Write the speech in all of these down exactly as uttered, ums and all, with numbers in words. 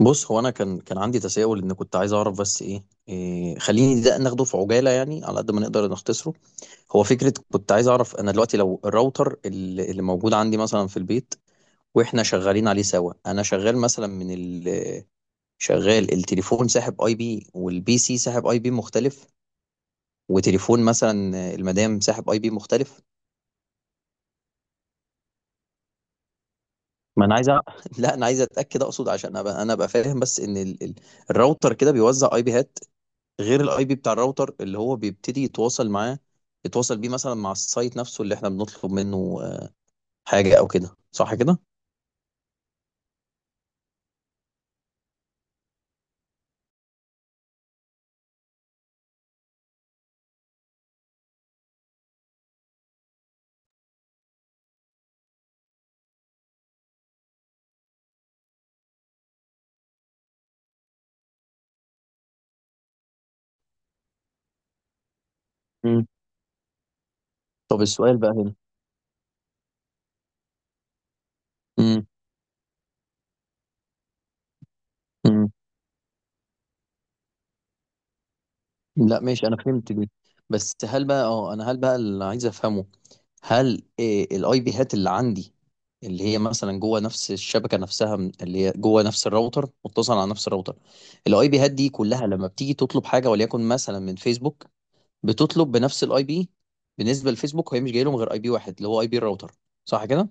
بص، هو انا كان كان عندي تساؤل، ان كنت عايز اعرف. بس ايه, إيه، خليني ده ناخده في عجاله يعني على قد ما نقدر نختصره. هو فكره، كنت عايز اعرف، انا دلوقتي لو الراوتر اللي, اللي موجود عندي مثلا في البيت، واحنا شغالين عليه سوا. انا شغال مثلا من ال شغال التليفون ساحب اي بي، والبي سي ساحب اي بي مختلف، وتليفون مثلا المدام ساحب اي بي مختلف. ما انا عايز أ... لا، انا عايز اتاكد، اقصد عشان ابقى انا ابقى فاهم. بس ان ال... ال- الراوتر كده بيوزع اي بيهات غير الاي بي بتاع الراوتر، اللي هو بيبتدي يتواصل معاه، يتواصل بيه مثلا مع السايت نفسه اللي احنا بنطلب منه آه، حاجة او كده. صح كده؟ مم. طب السؤال بقى هنا. امم امم لا ماشي، انا فهمت دي. بس هل بقى اه انا هل بقى اللي عايز افهمه، هل الاي بي هات اللي عندي، اللي هي مثلا جوه نفس الشبكه نفسها من- اللي هي جوه نفس الراوتر، متصل على نفس الراوتر، الاي بي هات دي كلها لما بتيجي تطلب حاجه وليكن مثلا من فيسبوك، بتطلب بنفس الاي بي؟ بالنسبه للفيسبوك هي مش جاي لهم غير اي بي واحد، اللي هو اي بي الراوتر. صح كده؟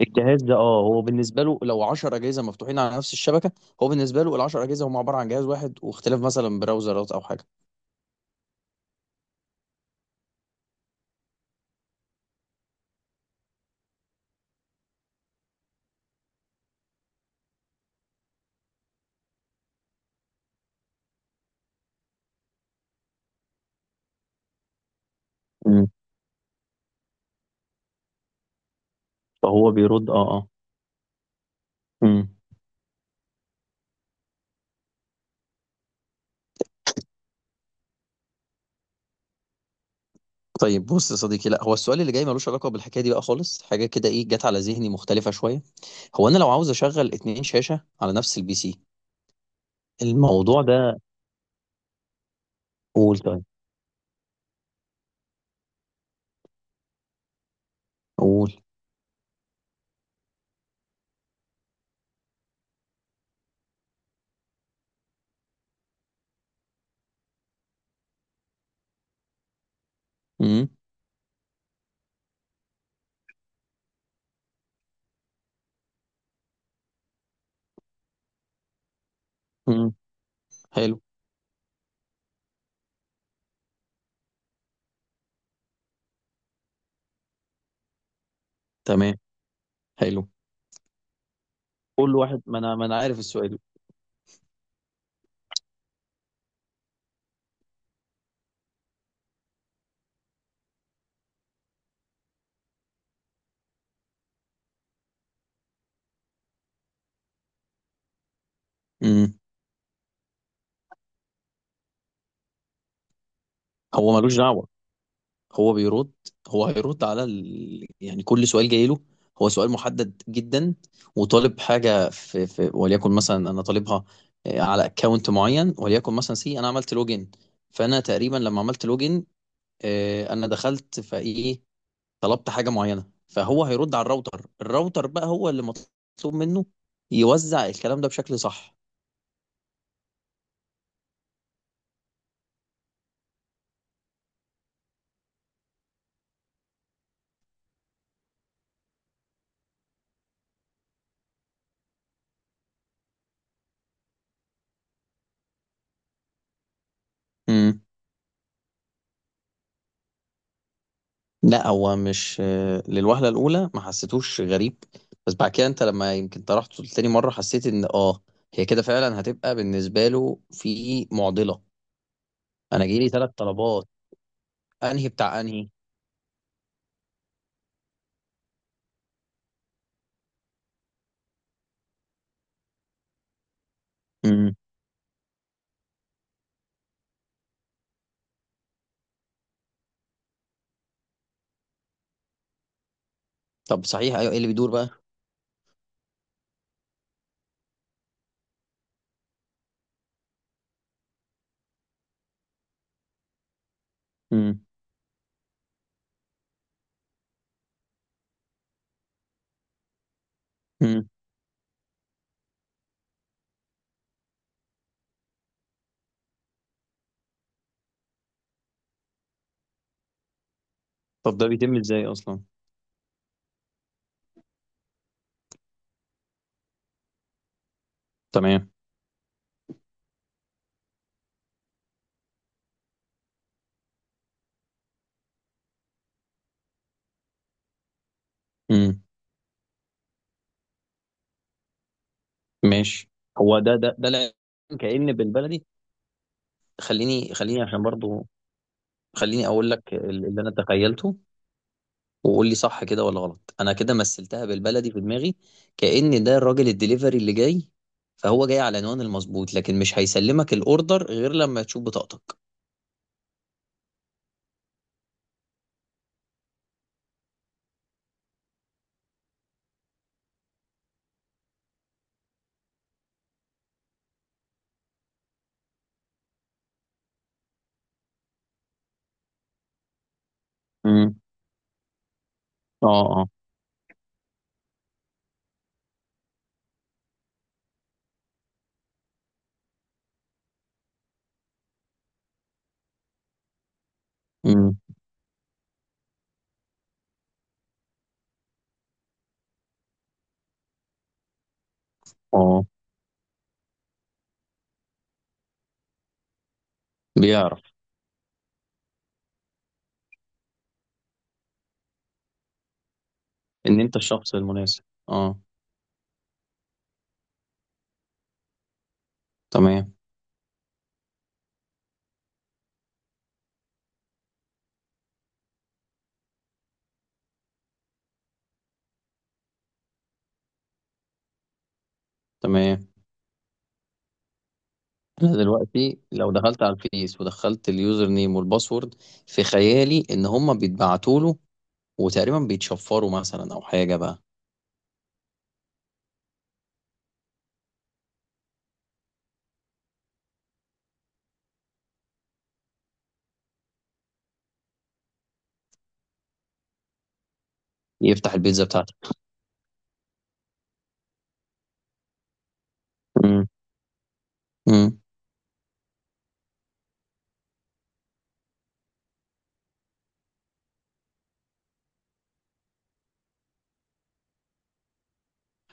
الجهاز ده، اه، هو بالنسبه بالنسبه له لو عشرة اجهزه مفتوحين على نفس الشبكه، هو بالنسبه له ال عشر اجهزه هم عباره عن جهاز واحد، واختلاف مثلا براوزرات او حاجه. مم. فهو بيرد، اه اه. مم. طيب بص يا صديقي، لا هو السؤال اللي جاي ملوش علاقه بالحكايه دي بقى خالص، حاجه كده ايه جت على ذهني مختلفه شويه. هو انا لو عاوز اشغل اتنين شاشه على نفس البي سي، الموضوع ده. قول. طيب قول. امم مم. حلو. تمام. حلو. كل واحد، ما انا ما انا عارف السؤال. امم. هو ملوش دعوه، هو بيرد، هو هيرد على ال... يعني كل سؤال جاي له، هو سؤال محدد جدا، وطالب حاجه في, في وليكن مثلا انا طالبها آه، على اكونت معين، وليكن مثلا سي انا عملت لوجن. فانا تقريبا لما عملت لوجن، آه، انا دخلت فايه، طلبت حاجه معينه، فهو هيرد على الراوتر. الراوتر بقى هو اللي مطلوب منه يوزع الكلام ده بشكل صح. لا، هو مش آه، للوهلة الأولى ما حسيتوش غريب، بس بعد كده أنت لما يمكن طرحته تاني مرة، حسيت إن آه، هي كده فعلا هتبقى بالنسبة له في معضلة. أنا جاي لي ثلاث طلبات، أنهي بتاع أنهي. امم. طب صحيح، أيوه، إيه اللي بيدور بقى؟ امم. امم. طب ده بيتم إزاي أصلا؟ تمام. امم. ماشي. هو ده ده ده لا، كأن بالبلدي، خليني خليني عشان برضو، خليني أقول لك اللي أنا تخيلته، وقول لي صح كده ولا غلط. انا كده مثلتها بالبلدي في دماغي، كأن ده الراجل الدليفري اللي جاي، فهو جاي على العنوان المظبوط، لكن مش هيسلمك الاوردر غير لما تشوف بطاقتك. امم. اه اه. امم. اه، بيعرف ان انت الشخص المناسب، اه. تمام. تمام. انا دلوقتي لو دخلت على الفيس ودخلت اليوزر نيم والباسورد، في خيالي ان هما بيتبعتوا له، وتقريبا بيتشفروا مثلا او حاجه بقى. يفتح البيتزا بتاعته. امم. امم.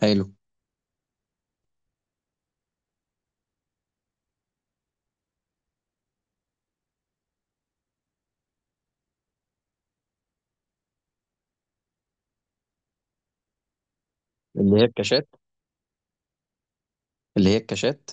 حلو. اللي هي الكاشات. اللي هي الكاشات.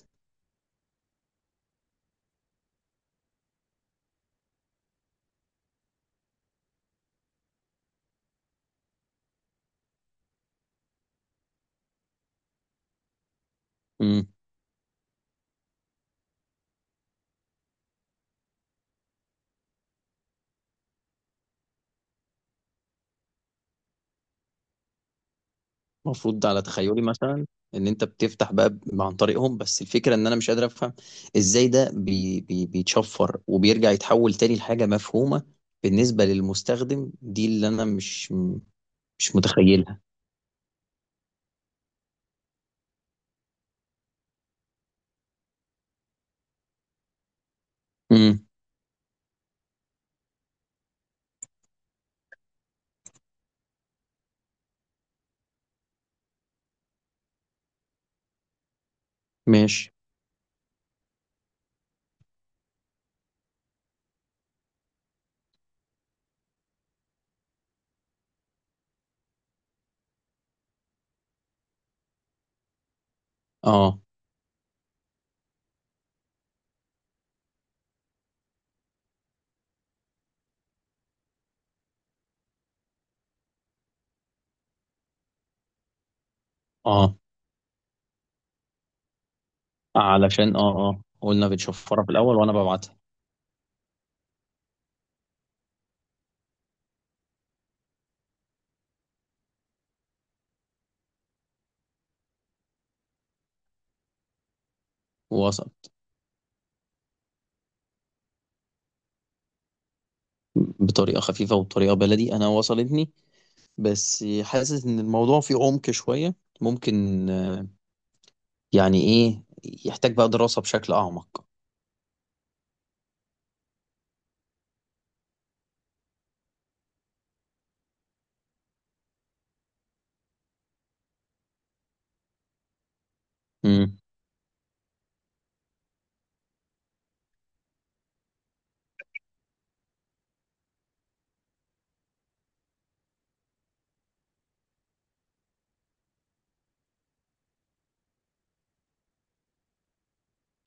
امم. المفروض، على تخيلي مثلا، ان انت بتفتح بقى ب- عن طريقهم. بس الفكره ان انا مش قادر افهم ازاي ده بي بي بيتشفر وبيرجع يتحول تاني لحاجه مفهومه بالنسبه للمستخدم. دي اللي انا مش مش متخيلها. امم. ماشي. اه اه. علشان اه اه، قلنا بنشفرها في الاول وانا ببعتها. وصل. بطريقه خفيفه وبطريقه بلدي انا وصلتني، بس حاسس ان الموضوع فيه عمق شويه. ممكن يعني ايه، يحتاج بقى دراسة بشكل اعمق. امم.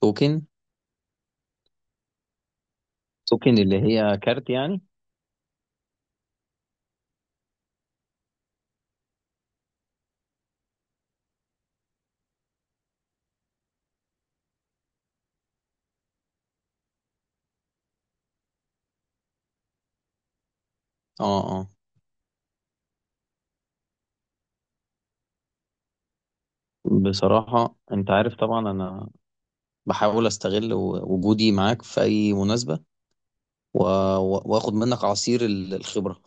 توكن. توكن اللي هي كارت يعني. اه اه. بصراحة انت عارف طبعا انا بحاول استغل و- وجودي معاك في اي مناسبة، و- و- واخد منك عصير ال- الخبرة.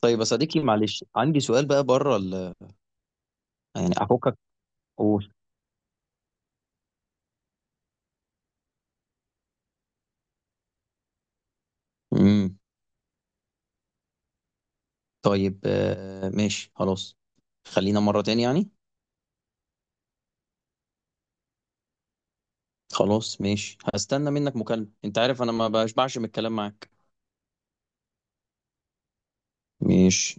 طيب يا صديقي، معلش عندي سؤال بقى بره ال... يعني افكك. قول. امم. طيب آه، ماشي خلاص، خلينا مرة تاني يعني. خلاص ماشي، هستنى منك مكالمة، انت عارف انا ما بشبعش من الكلام معاك. ماشي.